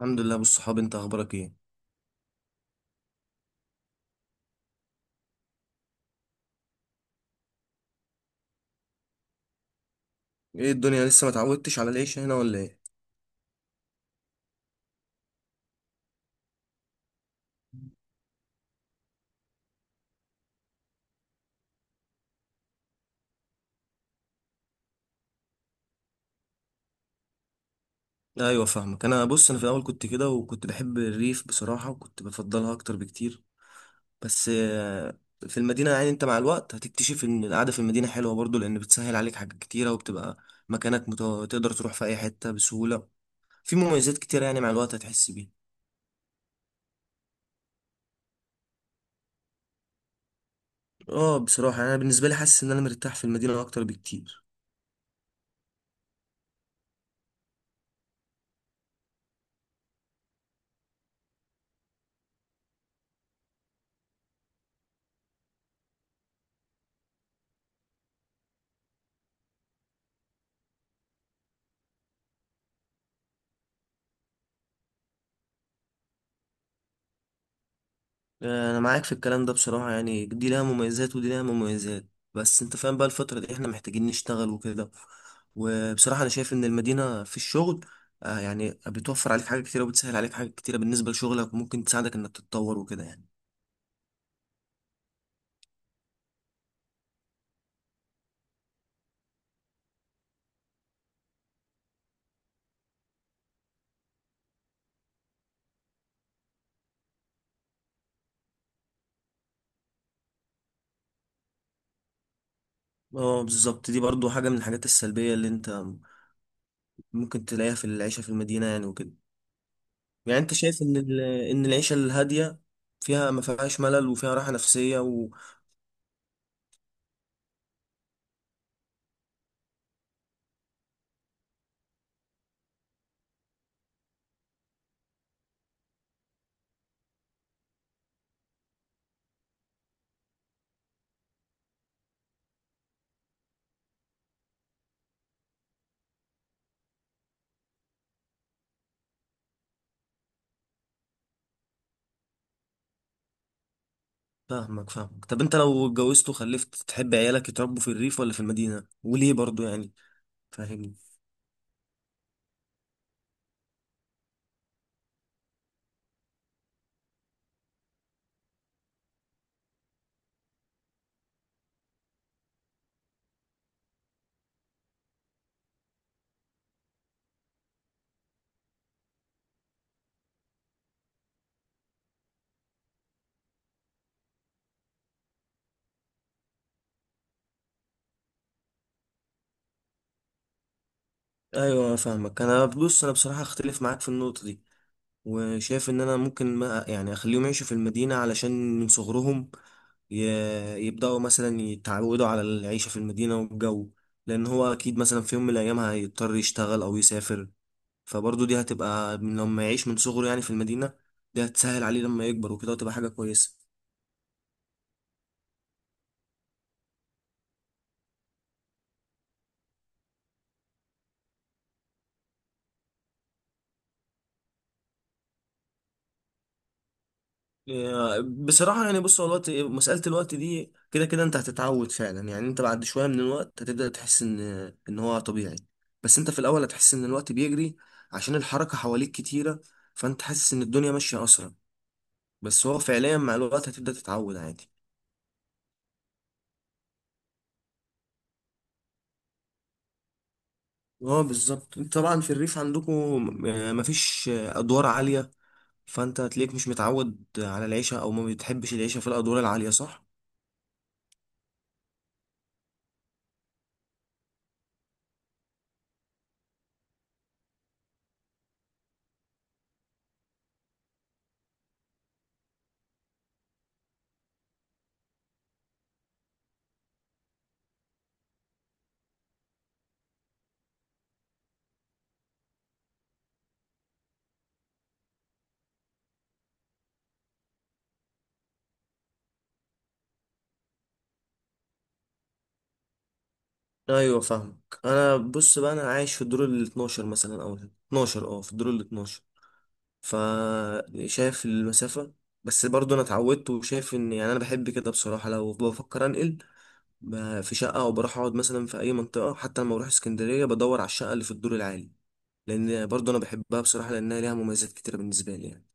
الحمد لله بالصحاب، انت اخبارك ايه؟ ايه، الدنيا لسه ما اتعودتش على العيش هنا ولا ايه؟ ايوه، فاهمك. انا بص، انا في الاول كنت كده وكنت بحب الريف بصراحه وكنت بفضلها اكتر بكتير. بس في المدينه يعني انت مع الوقت هتكتشف ان القعده في المدينه حلوه برضو لان بتسهل عليك حاجات كتيره وبتبقى مكانك تقدر تروح في اي حته بسهوله. في مميزات كتيره يعني مع الوقت هتحس بيها. اه، بصراحه يعني انا بالنسبه لي حاسس ان انا مرتاح في المدينه اكتر بكتير. انا معاك في الكلام ده بصراحة، يعني دي لها مميزات ودي لها مميزات. بس انت فاهم بقى الفترة دي احنا محتاجين نشتغل وكده. وبصراحة انا شايف ان المدينة في الشغل يعني بتوفر عليك حاجات كتيرة وبتسهل عليك حاجات كتيرة بالنسبة لشغلك وممكن تساعدك انك تتطور وكده يعني. اه بالظبط، دي برضو حاجة من الحاجات السلبية اللي انت ممكن تلاقيها في العيشة في المدينة يعني وكده. يعني انت شايف ان العيشة الهادية فيها ما فيهاش ملل وفيها راحة نفسية. فاهمك فاهمك، طب انت لو اتجوزت وخلفت تحب عيالك يتربوا في الريف ولا في المدينة وليه برضو يعني؟ فاهمني. ايوه، انا فاهمك. انا بص، انا بصراحة اختلف معاك في النقطة دي وشايف ان انا ممكن ما يعني اخليهم يعيشوا في المدينة علشان من صغرهم ي... يبدأوا مثلا يتعودوا على العيشة في المدينة والجو، لان هو اكيد مثلا في يوم من الايام هيضطر يشتغل او يسافر. فبرضو دي هتبقى من لما يعيش من صغره يعني في المدينة، دي هتسهل عليه لما يكبر وكده وتبقى حاجة كويسة. بصراحة يعني بص، هو الوقت، مسألة الوقت دي كده كده انت هتتعود فعلا. يعني انت بعد شوية من الوقت هتبدأ تحس ان هو طبيعي. بس انت في الأول هتحس ان الوقت بيجري عشان الحركة حواليك كتيرة، فانت حاسس ان الدنيا ماشية أسرع. بس هو فعليا مع الوقت هتبدأ تتعود عادي. اه بالظبط، انت طبعا في الريف عندكم مفيش أدوار عالية، فانت هتلاقيك مش متعود على العيشة او ما بتحبش العيشة في الأدوار العالية، صح؟ ايوه فاهمك. انا بص بقى، انا عايش في الدور ال 12 مثلا او ال 12 في الدور ال 12، فشايف المسافه. بس برضو انا اتعودت وشايف ان يعني انا بحب كده بصراحه. لو بفكر انقل في شقه او بروح اقعد مثلا في اي منطقه، حتى لما بروح اسكندريه بدور على الشقه اللي في الدور العالي لان برضو انا بحبها بصراحه لانها ليها مميزات كتيره بالنسبه لي يعني.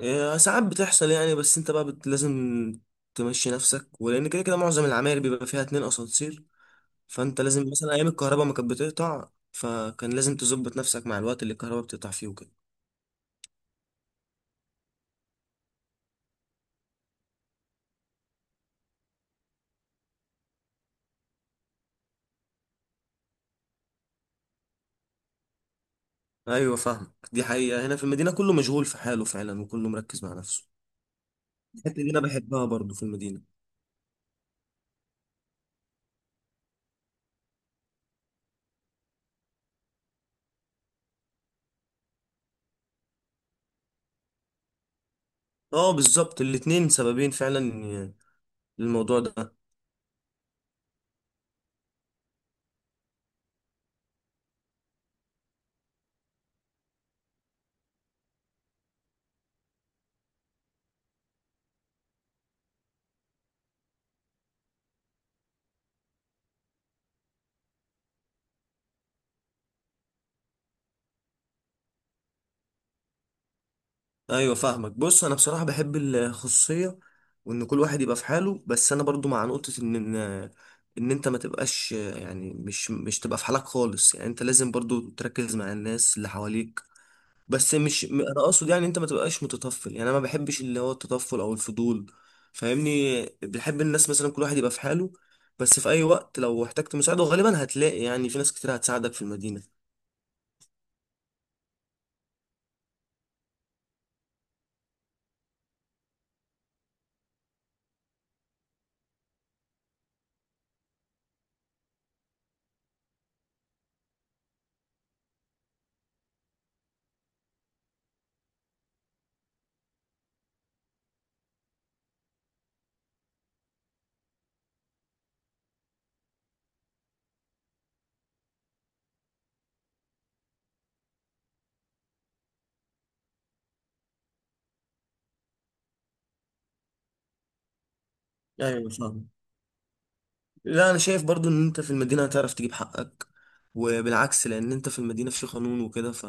إيه، ساعات بتحصل يعني. بس انت بقى لازم تمشي نفسك، ولان كده كده معظم العماير بيبقى فيها اتنين اسانسير. فانت لازم مثلا ايام الكهرباء ما كانت بتقطع فكان لازم تظبط نفسك مع الوقت اللي الكهرباء بتقطع فيه وكده. ايوه فاهمك، دي حقيقة، هنا في المدينة كله مشغول في حاله فعلا وكله مركز مع نفسه. الحتة اللي انا بحبها برضو في المدينة. اه بالظبط، الاتنين سببين فعلا للموضوع ده. ايوه فاهمك، بص، انا بصراحة بحب الخصوصية وان كل واحد يبقى في حاله. بس انا برضو مع نقطة ان ان إن انت ما تبقاش يعني مش تبقى في حالك خالص. يعني انت لازم برضو تركز مع الناس اللي حواليك، بس مش انا اقصد يعني انت ما تبقاش متطفل. يعني انا ما بحبش اللي هو التطفل او الفضول. فاهمني، بحب الناس مثلا كل واحد يبقى في حاله. بس في اي وقت لو احتجت مساعده غالبا هتلاقي يعني في ناس كتير هتساعدك في المدينه. ايوه فاهم. لا، انا شايف برضو ان انت في المدينه هتعرف تجيب حقك وبالعكس، لان انت في المدينه في قانون وكده.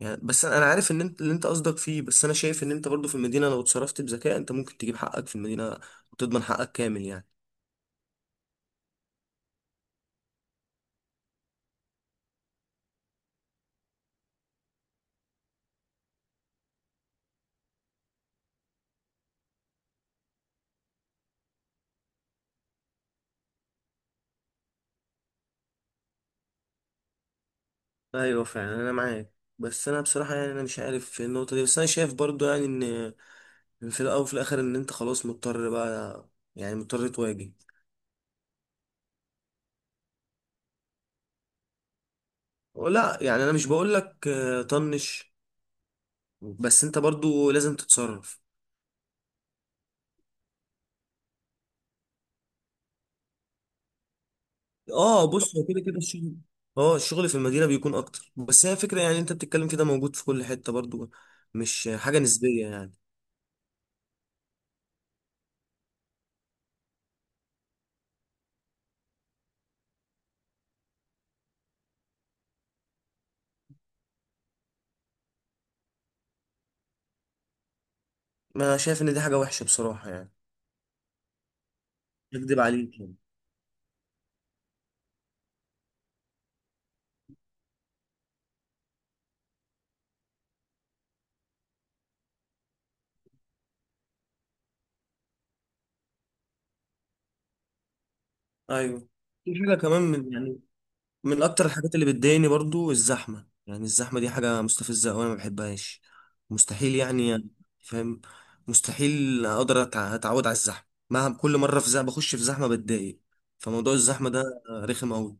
يعني بس انا عارف ان انت اللي انت قصدك فيه. بس انا شايف ان انت برضو في المدينه لو اتصرفت بذكاء انت ممكن تجيب حقك في المدينه وتضمن حقك كامل يعني. ايوه فعلا، انا معاك. بس انا بصراحه يعني انا مش عارف في النقطه دي. بس انا شايف برضو يعني ان في الاول وفي الاخر ان انت خلاص مضطر بقى، يعني مضطر تواجه. لا، يعني انا مش بقول لك طنش. بس انت برضو لازم تتصرف. اه، بص، هو كده كده الشغل. اه الشغل في المدينه بيكون اكتر. بس هي فكره يعني انت بتتكلم كده موجود في كل حته برضو، مش حاجه نسبيه يعني. ما انا شايف ان دي حاجه وحشه بصراحه يعني، اكدب عليك يعني. ايوه. في حاجه كمان من يعني من اكتر الحاجات اللي بتضايقني برضو الزحمه. يعني الزحمه دي حاجه مستفزه قوي، انا ما بحبهاش، مستحيل يعني. فاهم. مستحيل اقدر اتعود على الزحمه، مهما كل مره في زحمه بخش في زحمه بتضايق. فموضوع الزحمه ده رخم قوي.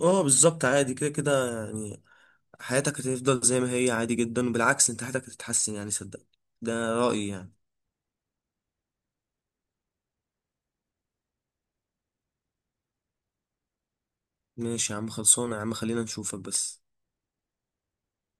اه بالظبط، عادي كده كده يعني. حياتك هتفضل زي ما هي عادي جدا، وبالعكس انت حياتك هتتحسن يعني، صدقني. ده رايي يعني. ماشي يا عم، خلصانه يا عم، خلينا نشوفك بس.